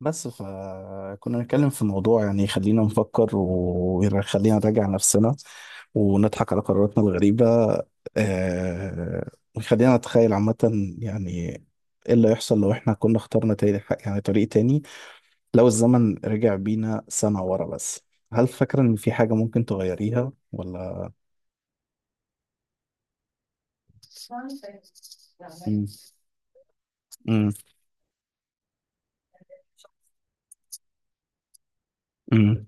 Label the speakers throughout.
Speaker 1: بس فكنا نتكلم في موضوع يعني يخلينا نفكر ويخلينا نراجع نفسنا ونضحك على قراراتنا الغريبة، آه، ويخلينا نتخيل عامة، يعني ايه اللي يحصل لو احنا كنا اخترنا تاني، يعني طريق تاني؟ لو الزمن رجع بينا سنة ورا بس، هل فاكرة ان في حاجة ممكن تغيريها ولا؟ مم. مم. مم.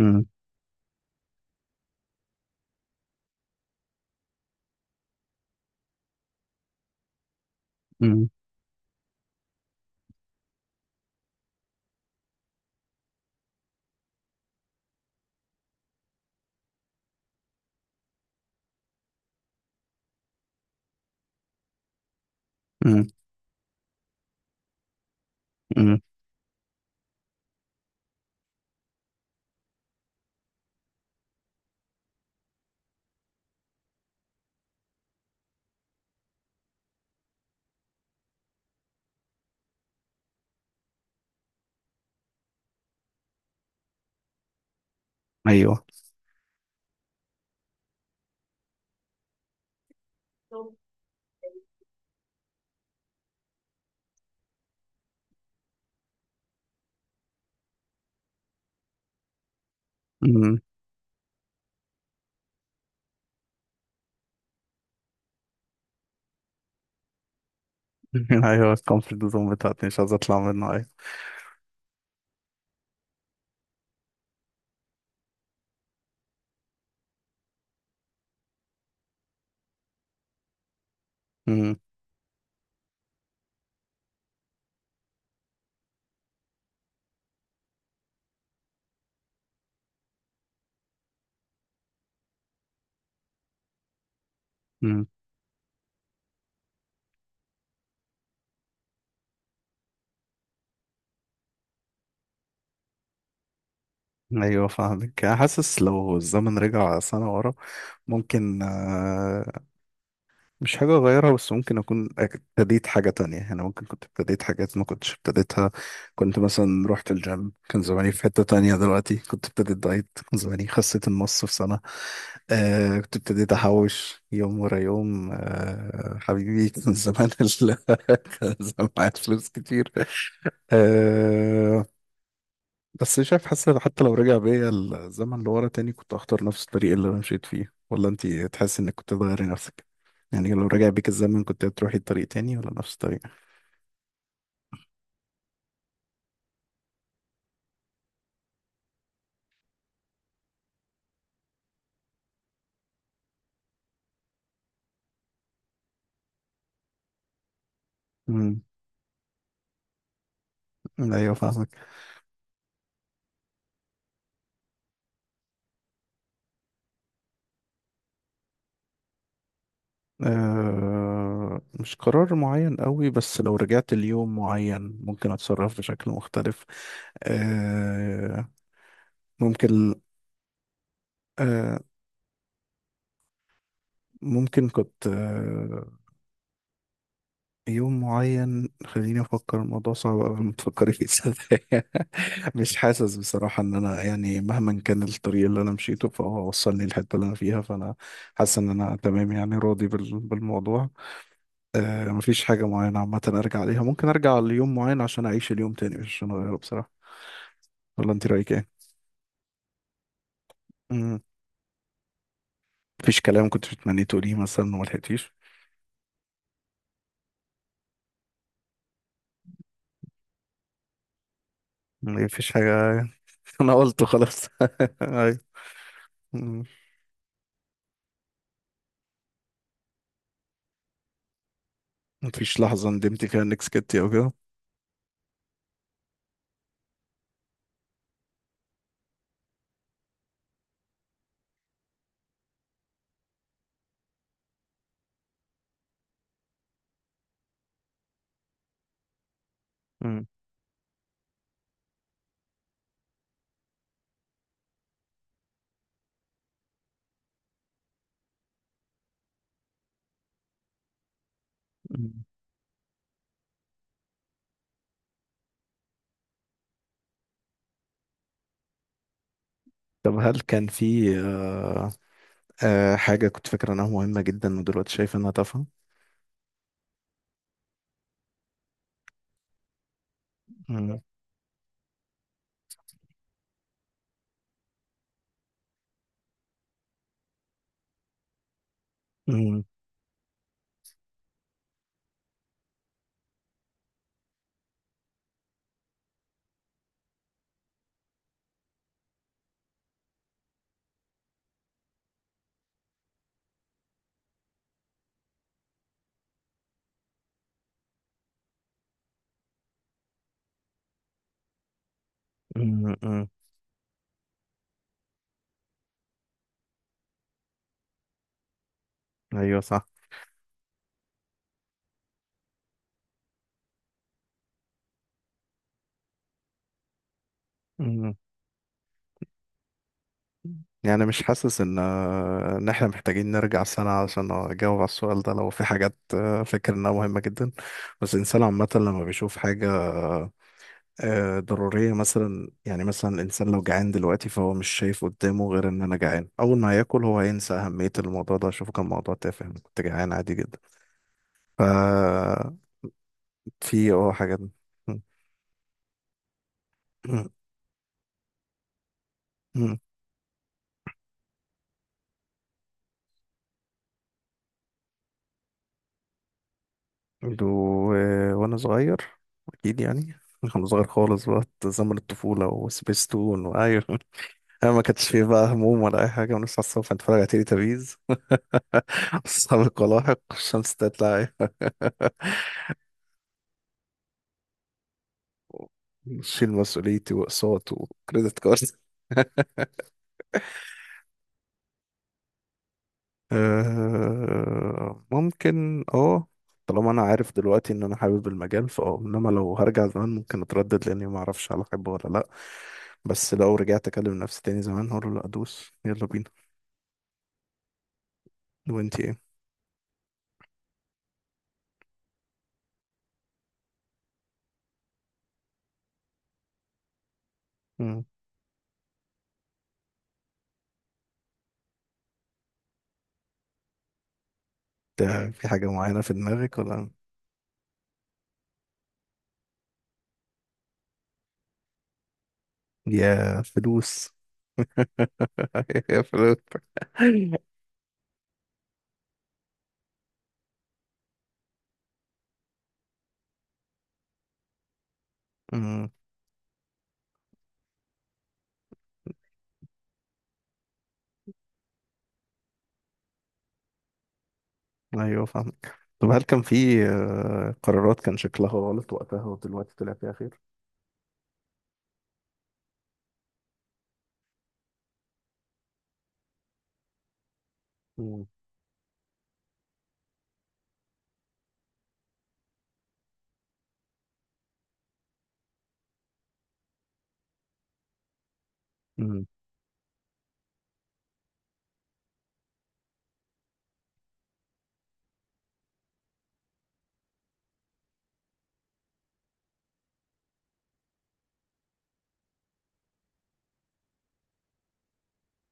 Speaker 1: مم. مم. مم. مم. ايوه. مم. ايوه، الكونفرت زون بتاعتي مش عايز اطلع منها. ايوه. مم. مم. ايوه، فاهمك. انا حاسس لو الزمن رجع سنة ورا ممكن، مش حاجة اغيرها، بس ممكن اكون ابتديت حاجة تانية. انا ممكن كنت ابتديت حاجات ما كنتش ابتديتها. كنت مثلا رحت الجيم، كان زماني في حتة تانية دلوقتي. كنت ابتديت دايت، كان زماني خسيت النص في سنة. كنت ابتديت احوش يوم ورا يوم، حبيبي. كان زمان معايا فلوس كتير. آه، بس شايف، حاسس إن حتى لو رجع بيا الزمن لورا تاني كنت هختار نفس الطريق اللي انا مشيت فيه، ولا انت تحس انك كنت تغيري نفسك؟ يعني لو رجع بيك الزمن كنت هتروحي طريق تاني ولا نفس الطريق؟ امم. ايوه، فاهمك. أه، مش قرار معين قوي، بس لو رجعت ليوم معين ممكن اتصرف بشكل مختلف. أه، ممكن. أه ممكن كنت، يوم معين. خليني افكر، الموضوع صعب قبل ما تفكري فيه صدقني. مش حاسس بصراحه ان انا، يعني مهما كان الطريق اللي انا مشيته فهو وصلني للحته اللي انا فيها، فانا حاسس ان انا تمام، يعني راضي بالموضوع. مفيش حاجه معينه عامه ارجع عليها. ممكن ارجع ليوم معين عشان اعيش اليوم تاني مش عشان اغيره بصراحه. ولا انت رايك ايه؟ مم. مفيش كلام كنت بتمني تقوليه مثلا وما لحقتيش؟ مفيش حاجه؟ انا قلته خلاص. أيوة. مم. مفيش لحظه ندمتي فيها انك سكتي او كده؟ مم. طب هل كان في آه، حاجة كنت فاكر انها مهمة جدا ودلوقتي شايف انها تافهة؟ مم. مم. مم. مم. ايوه، صح. مم. يعني مش حاسس ان احنا محتاجين نرجع سنة عشان اجاوب على السؤال ده، لو في حاجات فاكر انها مهمة جدا. بس الانسان عامة لما بيشوف حاجة آه، ضرورية مثلا، يعني مثلا الانسان لو جعان دلوقتي فهو مش شايف قدامه غير ان انا جعان. اول ما هياكل هو هينسى اهمية الموضوع ده، شوفه كان موضوع تافه، أنا كنت جعان عادي جدا. ف... في حاجات. و... وانا صغير، اكيد يعني. وانا صغير خالص، بقى زمن الطفولة وسبيستون وايوه. انا ما كانش فيه بقى هموم ولا اي حاجة، ونصحى الصبح نتفرج على تيلي تابيز. اصحاب القلاحق الشمس تطلع. شيل مسؤوليتي واقساط وكريدت كارد. ممكن. اه طالما انا عارف دلوقتي ان انا حابب المجال فاه، انما لو هرجع زمان ممكن اتردد لاني ما اعرفش هل احبه ولا لا. بس لو رجعت اكلم نفسي تاني زمان هقول له لا، ادوس يلا بينا. وانتي ايه؟ مم. ده في حاجة معينة في دماغك ولا؟ يا فلوس! يا فلوس. مم. ايوه، فاهمك. طب هل كان في قرارات كان شكلها غلط وقتها ودلوقتي طلع فيها خير؟ مم.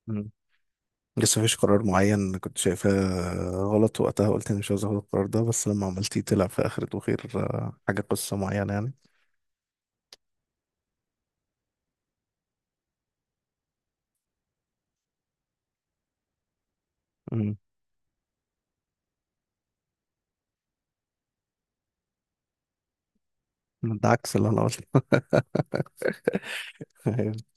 Speaker 1: مم. لسه مفيش قرار معين كنت شايفاه غلط وقتها، قلت اني مش عاوز اخد القرار ده، بس لما عملتيه طلع في اخرته خير؟ حاجه، قصه معينه يعني؟ امم. ده عكس اللي انا قلته.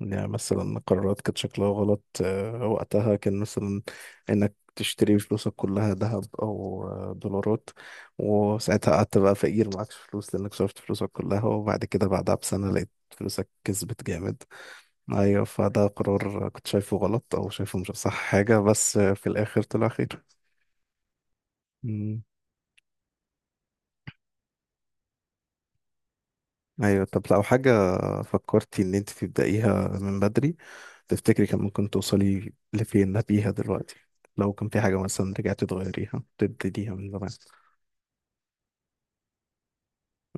Speaker 1: يعني مثلا قرارات كانت شكلها غلط وقتها، كان مثلا انك تشتري فلوسك كلها ذهب او دولارات، وساعتها قعدت بقى فقير معكش فلوس لانك صرفت فلوسك كلها، وبعد كده بعدها بسنه لقيت فلوسك كسبت جامد. ايوه، فده قرار كنت شايفه غلط او شايفه مش صح حاجة، بس في الاخر طلع خير. مم. ايوه، طب لو حاجة فكرتي ان انت تبدأيها من بدري، تفتكري كان ممكن توصلي لفين بيها دلوقتي؟ لو كان في حاجة مثلا رجعتي تغيريها تبتديها من زمان؟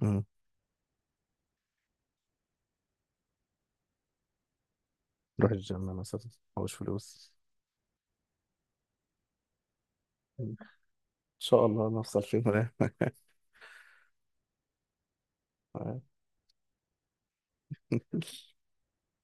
Speaker 1: مم. روح الجيم مثلا، محوش فلوس. ان شاء الله نوصل فين.